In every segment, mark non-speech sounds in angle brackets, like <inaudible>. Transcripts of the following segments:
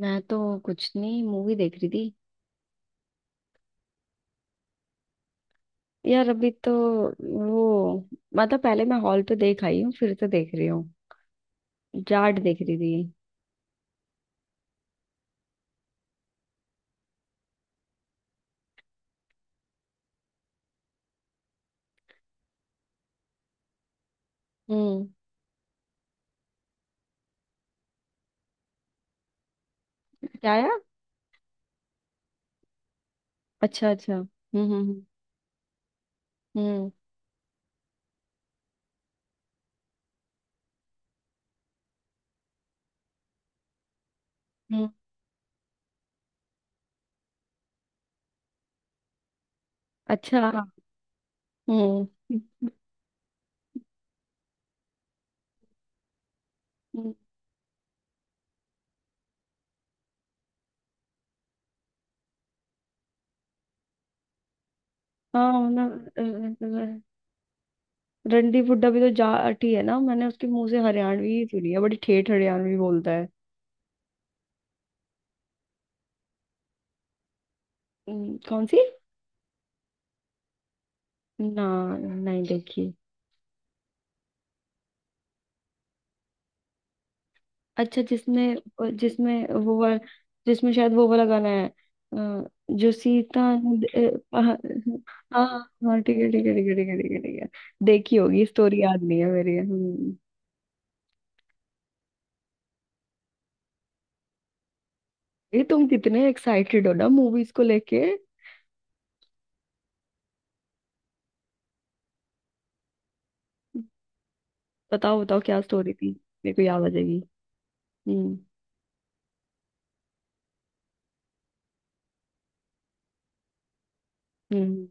मैं तो कुछ नहीं, मूवी देख रही थी। यार, अभी तो वो, मतलब पहले मैं हॉल पे देख आई हूँ, फिर तो देख रही हूँ। जाट देख रही थी। हम्म। क्या आया? अच्छा अच्छा। हम्म। हम्म हम्म, अच्छा हाँ। हम्म हम्म, हाँ मतलब अ, रणदीप हुड्डा भी तो जाट ही है ना। मैंने उसके मुंह से हरियाणवी ही सुनी है, बड़ी ठेठ हरियाणवी बोलता है। कौन सी? ना, नहीं देखी। अच्छा, जिसमें, जिसमें वो वाला, जिसमें शायद वो वाला गाना है जो सीता अ, पहा- हाँ हाँ, ठीक है ठीक है ठीक है ठीक है ठीक है ठीक है। देखी होगी, स्टोरी याद नहीं है मेरी। हम्म। ये तुम कितने एक्साइटेड हो ना मूवीज को लेके। बताओ बताओ, क्या स्टोरी थी, मेरे को याद आ जाएगी। हम्म हम्म।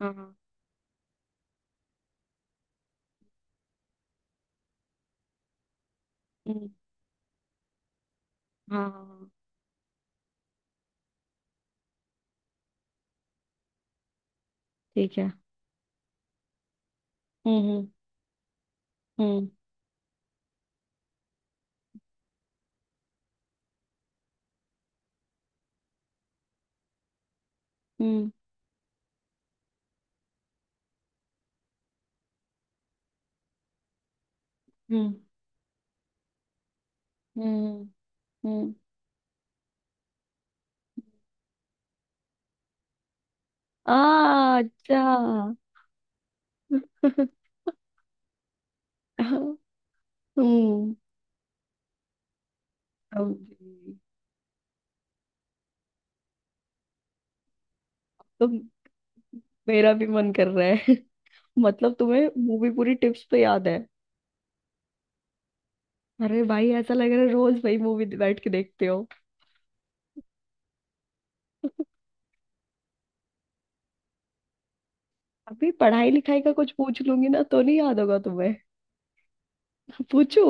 हाँ हाँ। हम्म, हाँ हाँ, हाँ, ठीक है। हम्म हम्म हम्म हम्म हम्म हम्म हम्म। आ, अच्छा। <laughs> हम्म। जी, तो मेरा भी मन कर रहा है। <laughs> मतलब तुम्हें मूवी पूरी टिप्स पे याद है? अरे भाई, ऐसा लग रहा है रोज भाई मूवी बैठ के देखते हो। <laughs> अभी पढ़ाई लिखाई का कुछ पूछ लूंगी ना तो नहीं याद होगा तुम्हें। <laughs> पूछू?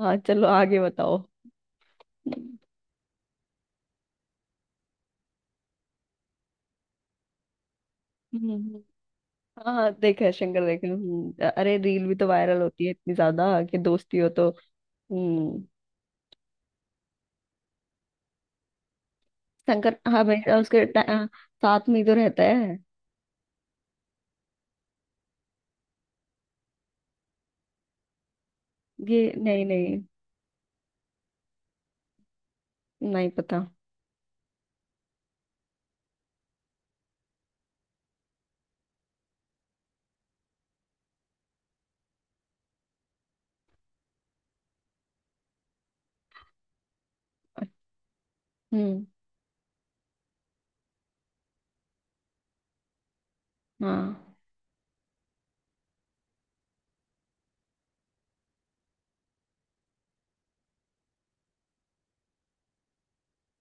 हाँ चलो, आगे बताओ। हम्म। हाँ हाँ, देखा है, शंकर देखा है। अरे रील भी तो वायरल होती है इतनी ज्यादा कि दोस्ती हो तो। हम्म। शंकर हमेशा उसके साथ में ही तो रहता है। ये नहीं। नहीं, नहीं पता। हम्म। हाँ।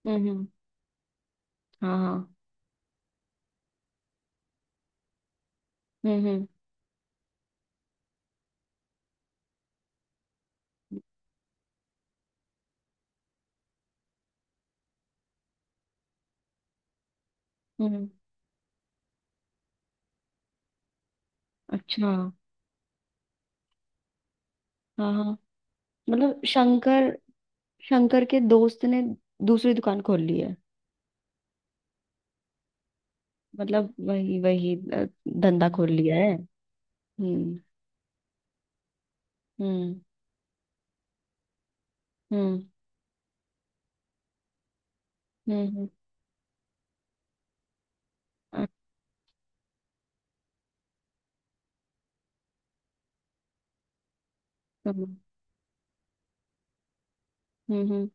हम्म हम्म, हाँ हाँ। हम्म हम्म हम्म, अच्छा। हाँ हाँ, मतलब शंकर, शंकर के दोस्त ने दूसरी दुकान खोल ली है। मतलब वही वही, धंधा खोल लिया है। हम्म। हम्म। हम्म हम्म हम्म, अच्छा। हम्म।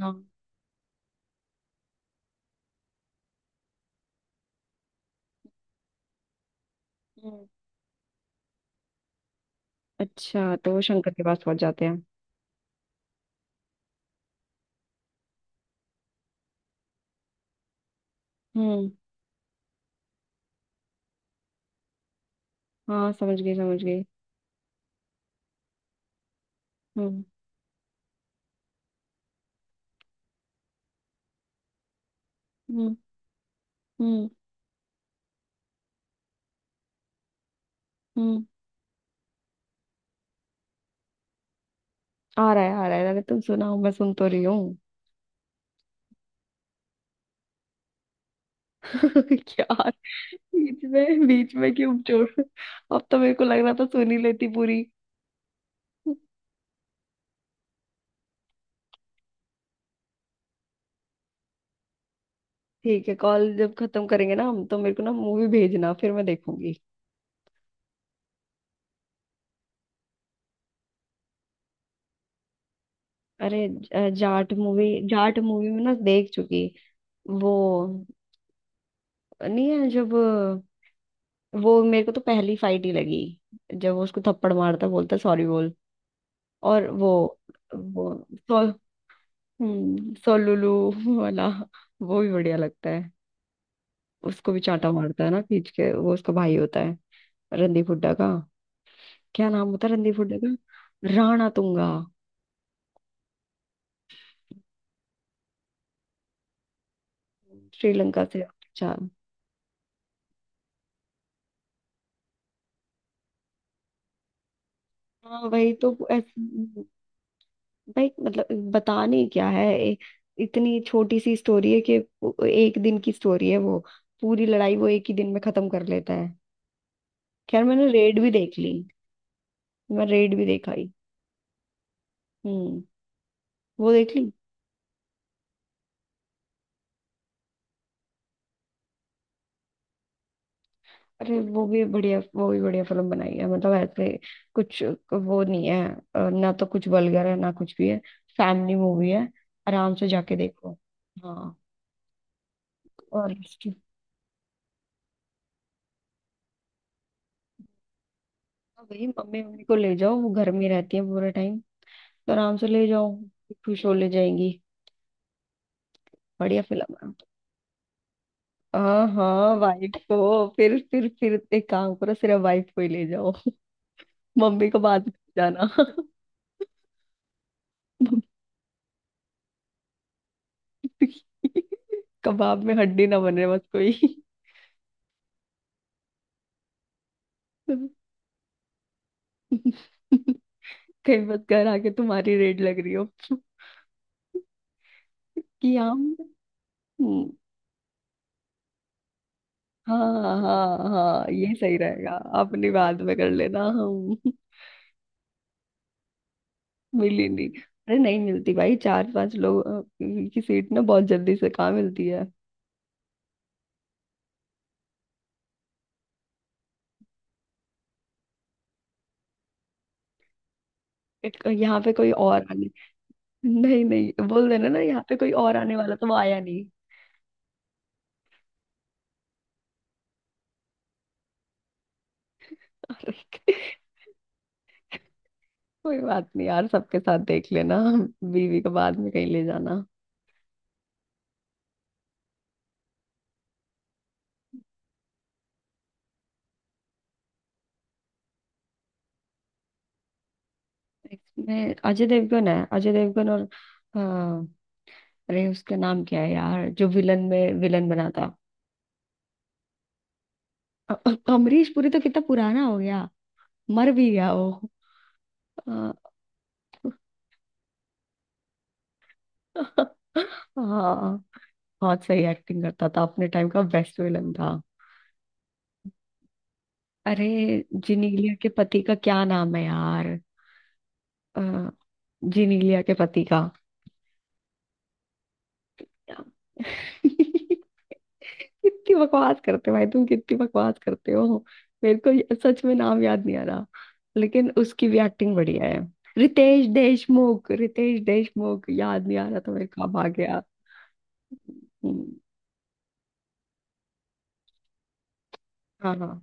हाँ। हम्म, अच्छा तो वो शंकर के पास पहुंच जाते हैं। हम्म। हाँ, समझ गई समझ गई। हम्म हम्म। हम्म हम्म, आ रहा है आ रहा है। अरे तुम सुनाओ, मैं सुन तो रही हूँ। <laughs> यार, बीच में क्यों छोड़। अब तो मेरे को लग रहा था सुन ही लेती पूरी। ठीक है, कॉल जब खत्म करेंगे ना हम, तो मेरे को ना मूवी भेजना, फिर मैं देखूंगी। अरे, जाट मूवी, जाट मूवी में ना, देख चुकी। वो नहीं है, जब वो। मेरे को तो पहली फाइट ही लगी, जब वो उसको थप्पड़ मारता, बोलता सॉरी बोल। और वो सो, सोलुलु वाला वो भी बढ़िया लगता है। उसको भी चांटा मारता है ना खींच के, वो उसका भाई होता है, रणदीप हुड्डा का। क्या नाम होता है रणदीप हुड्डा का? राणा तुंगा। श्रीलंका से, अच्छा। हाँ वही तो भाई, मतलब बताने क्या है, इतनी छोटी सी स्टोरी है कि एक दिन की स्टोरी है वो। पूरी लड़ाई वो एक ही दिन में खत्म कर लेता है। खैर, मैंने रेड भी देख ली। मैं रेड भी देखा ही। हम्म, वो देख ली। अरे वो भी बढ़िया, वो भी बढ़िया फिल्म बनाई है। मतलब ऐसे कुछ वो नहीं है, ना तो कुछ वल्गर है ना कुछ भी है। फैमिली मूवी है, आराम से जाके देखो। हाँ। और उसकी। हाँ, वही मम्मी, मम्मी को ले जाओ, वो घर में रहती है पूरे टाइम, तो आराम से ले जाओ, खुश हो ले जाएंगी। बढ़िया फिल्म है। हाँ हाँ, वाइफ को फिर एक काम करो, सिर्फ वाइफ को ही ले जाओ, मम्मी को बाद में ले जाना। <laughs> कबाब में हड्डी ना बने बस कोई। <laughs> कहीं मत कर आके तुम्हारी रेड लग रही हो कि हम। हम्म, हाँ हाँ हाँ, ये सही रहेगा। अपनी बाद में कर लेना हम। मिली नहीं। अरे नहीं मिलती भाई, चार पांच लोग की सीट ना बहुत जल्दी से कहाँ मिलती है। एक, यहाँ पे कोई और आने। नहीं नहीं, बोल देना ना, यहाँ पे कोई और आने वाला तो वो आया नहीं। <laughs> अरे, कोई बात नहीं यार, सबके साथ देख लेना, बीवी को बाद में कहीं ले जाना। इसमें अजय देवगन है, अजय देवगन और, हाँ, अरे उसका नाम क्या है यार जो विलन में विलन बना था। अमरीश पुरी तो कितना पुराना हो गया, मर भी गया वो। अ, हाँ, बहुत सही एक्टिंग करता था, अपने टाइम का बेस्ट विलन था। अरे, जिनीलिया के पति का क्या नाम है यार? अ, जिनीलिया के पति का। <laughs> कितनी बकवास करते हो भाई, तुम कितनी बकवास करते हो। मेरे को ये, सच में नाम याद नहीं आ रहा, लेकिन उसकी भी एक्टिंग बढ़िया है। रितेश देशमुख, रितेश देशमुख, याद नहीं आ रहा था मेरे को, अब आ गया। हम्म, हाँ हाँ।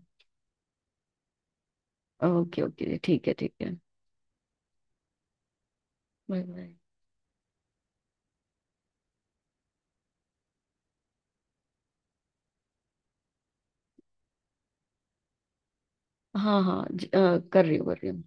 ओके ओके, ठीक है ठीक है। Bye bye. हाँ हाँ, कर रही हूँ कर रही हूँ।